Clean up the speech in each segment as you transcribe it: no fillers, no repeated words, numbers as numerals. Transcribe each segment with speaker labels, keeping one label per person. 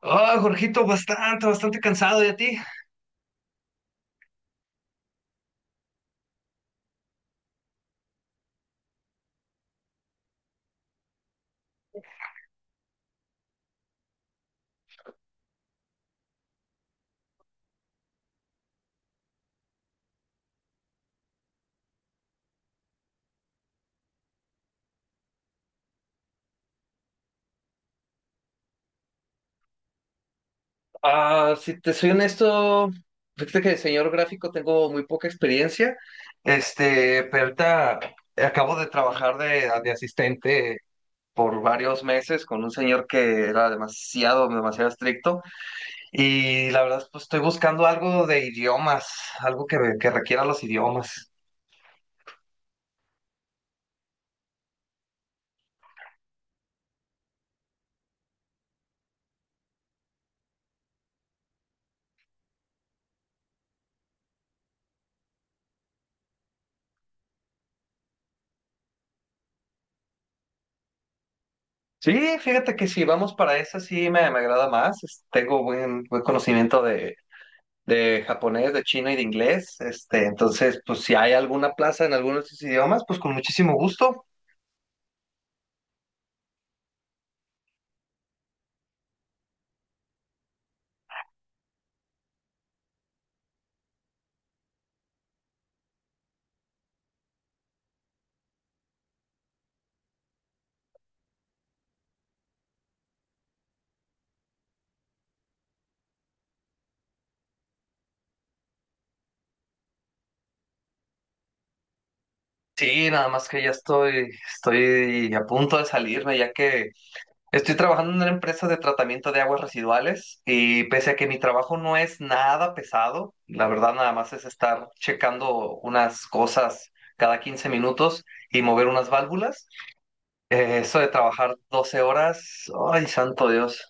Speaker 1: Ah, Jorgito, bastante, bastante cansado. ¿Y a ti? Ah, si te soy honesto, fíjate que de diseñador gráfico tengo muy poca experiencia. Pero ahorita acabo de trabajar de asistente por varios meses con un señor que era demasiado, demasiado estricto. Y la verdad, pues estoy buscando algo de idiomas, algo que requiera los idiomas. Sí, fíjate que si vamos para esa, sí me agrada más. Tengo buen, buen conocimiento de japonés, de chino y de inglés. Entonces, pues si hay alguna plaza en alguno de estos idiomas, pues con muchísimo gusto. Sí, nada más que ya estoy a punto de salirme, ya que estoy trabajando en una empresa de tratamiento de aguas residuales y pese a que mi trabajo no es nada pesado, la verdad nada más es estar checando unas cosas cada 15 minutos y mover unas válvulas. Eso de trabajar 12 horas, ay, santo Dios.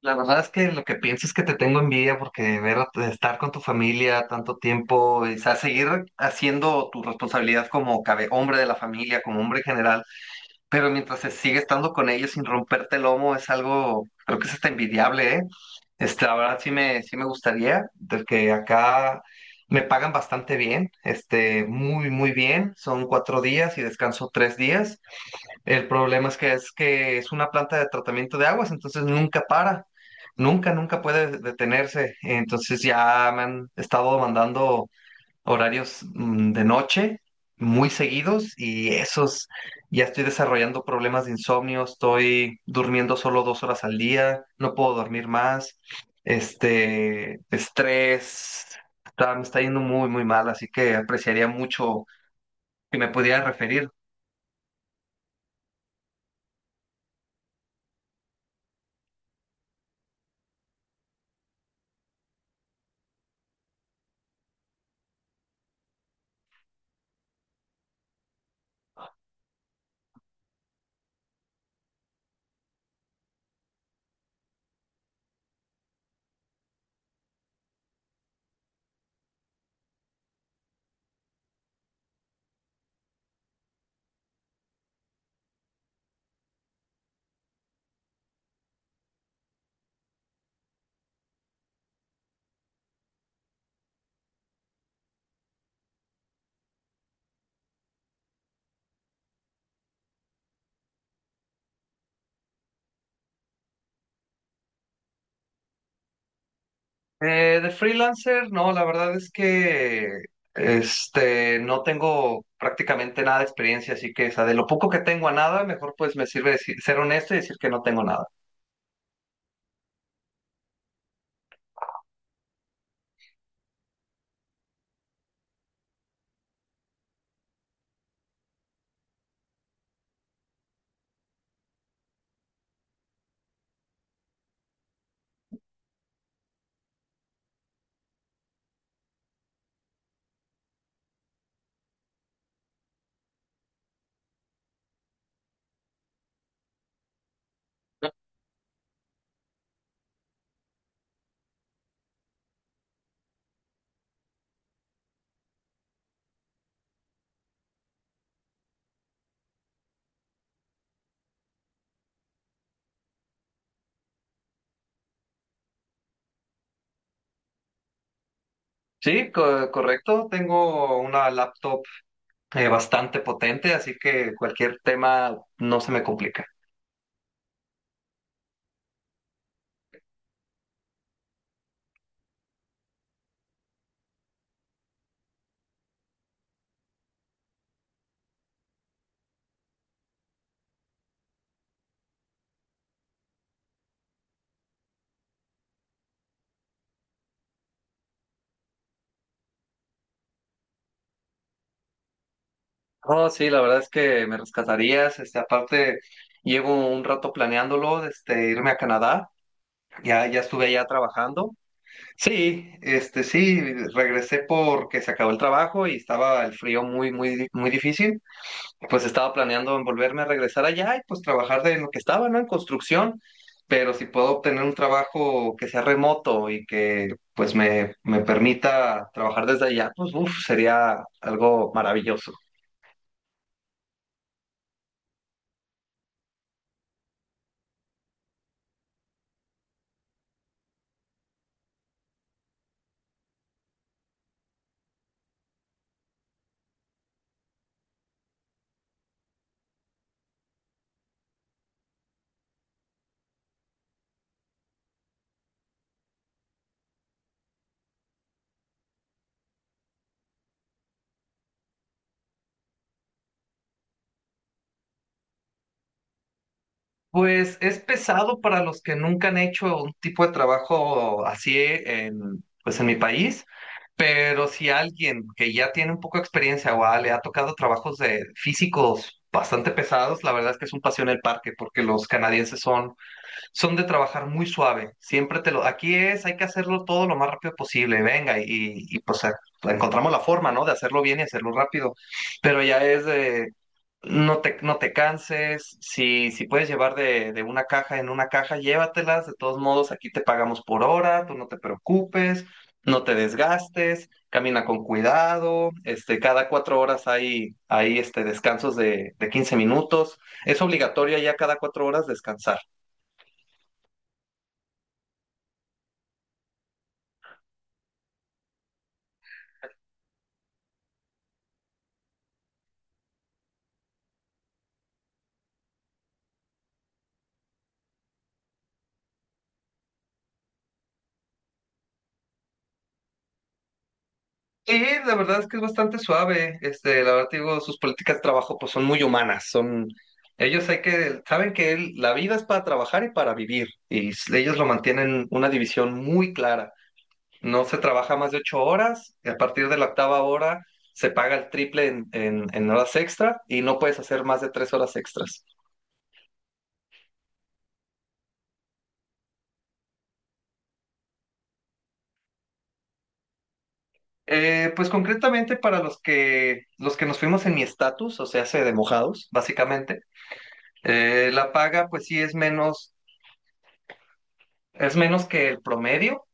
Speaker 1: La verdad es que lo que pienso es que te tengo envidia porque estar con tu familia tanto tiempo, y, o sea, seguir haciendo tu responsabilidad como cabe, hombre de la familia, como hombre en general, pero mientras se sigue estando con ellos sin romperte el lomo es algo, creo que es hasta envidiable, ¿eh? La verdad sí me gustaría, porque acá me pagan bastante bien, este, muy, muy bien, son 4 días y descanso 3 días. El problema es que es que es una planta de tratamiento de aguas, entonces nunca para, nunca, nunca puede detenerse. Entonces ya me han estado mandando horarios de noche muy seguidos, y esos ya estoy desarrollando problemas de insomnio, estoy durmiendo solo 2 horas al día, no puedo dormir más, este, estrés, me está yendo muy, muy mal, así que apreciaría mucho que me pudieran referir. De freelancer, no, la verdad es que no tengo prácticamente nada de experiencia, así que, o sea, de lo poco que tengo a nada, mejor pues me sirve ser honesto y decir que no tengo nada. Sí, correcto, tengo una laptop bastante potente, así que cualquier tema no se me complica. Oh, sí, la verdad es que me rescatarías, aparte llevo un rato planeándolo, irme a Canadá, ya, ya estuve allá trabajando. Sí, sí, regresé porque se acabó el trabajo y estaba el frío muy, muy, muy difícil. Pues estaba planeando en volverme a regresar allá y pues trabajar de lo que estaba, ¿no? En construcción. Pero si puedo obtener un trabajo que sea remoto y que pues me permita trabajar desde allá, pues uf, sería algo maravilloso. Pues es pesado para los que nunca han hecho un tipo de trabajo así en, pues en mi país. Pero si alguien que ya tiene un poco de experiencia o le ha tocado trabajos de físicos bastante pesados, la verdad es que es un paseo en el parque porque los canadienses son de trabajar muy suave. Siempre te lo, aquí es, hay que hacerlo todo lo más rápido posible. Venga, y pues encontramos la forma, ¿no? De hacerlo bien y hacerlo rápido. Pero ya es de, no te canses. Si puedes llevar de una caja en una caja, llévatelas. De todos modos, aquí te pagamos por hora, tú no te preocupes, no te desgastes, camina con cuidado. Cada 4 horas hay descansos de 15 minutos. Es obligatorio ya cada 4 horas descansar. Sí, la verdad es que es bastante suave. La verdad te digo, sus políticas de trabajo pues son muy humanas, son ellos hay que saben que la vida es para trabajar y para vivir, y ellos lo mantienen una división muy clara. No se trabaja más de 8 horas, y a partir de la octava hora se paga el triple en, en horas extra y no puedes hacer más de 3 horas extras. Pues concretamente para los que nos fuimos en mi estatus, o sea, se de mojados, básicamente. La paga, pues sí es menos, es menos que el promedio,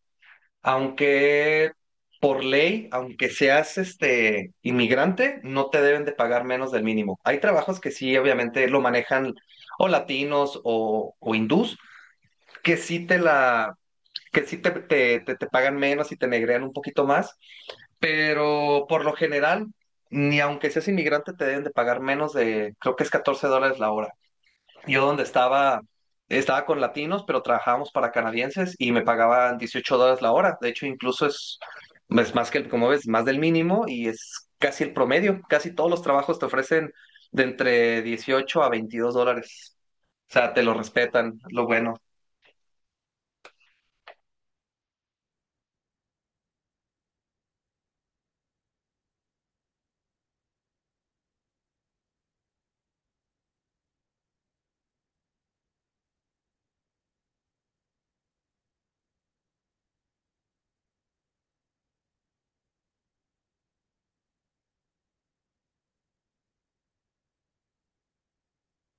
Speaker 1: aunque por ley, aunque seas inmigrante, no te deben de pagar menos del mínimo. Hay trabajos que sí, obviamente, lo manejan o latinos o hindús, que sí te la, que sí te pagan menos y te negrean un poquito más, pero por lo general, ni aunque seas inmigrante, te deben de pagar menos de, creo que es $14 la hora. Yo donde estaba, estaba con latinos, pero trabajábamos para canadienses y me pagaban $18 la hora. De hecho, incluso es más que, como ves, más del mínimo y es casi el promedio. Casi todos los trabajos te ofrecen de entre 18 a 22 dólares. O sea, te lo respetan, lo bueno.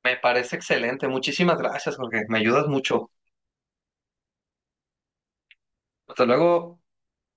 Speaker 1: Me parece excelente. Muchísimas gracias, Jorge. Me ayudas mucho. Hasta luego.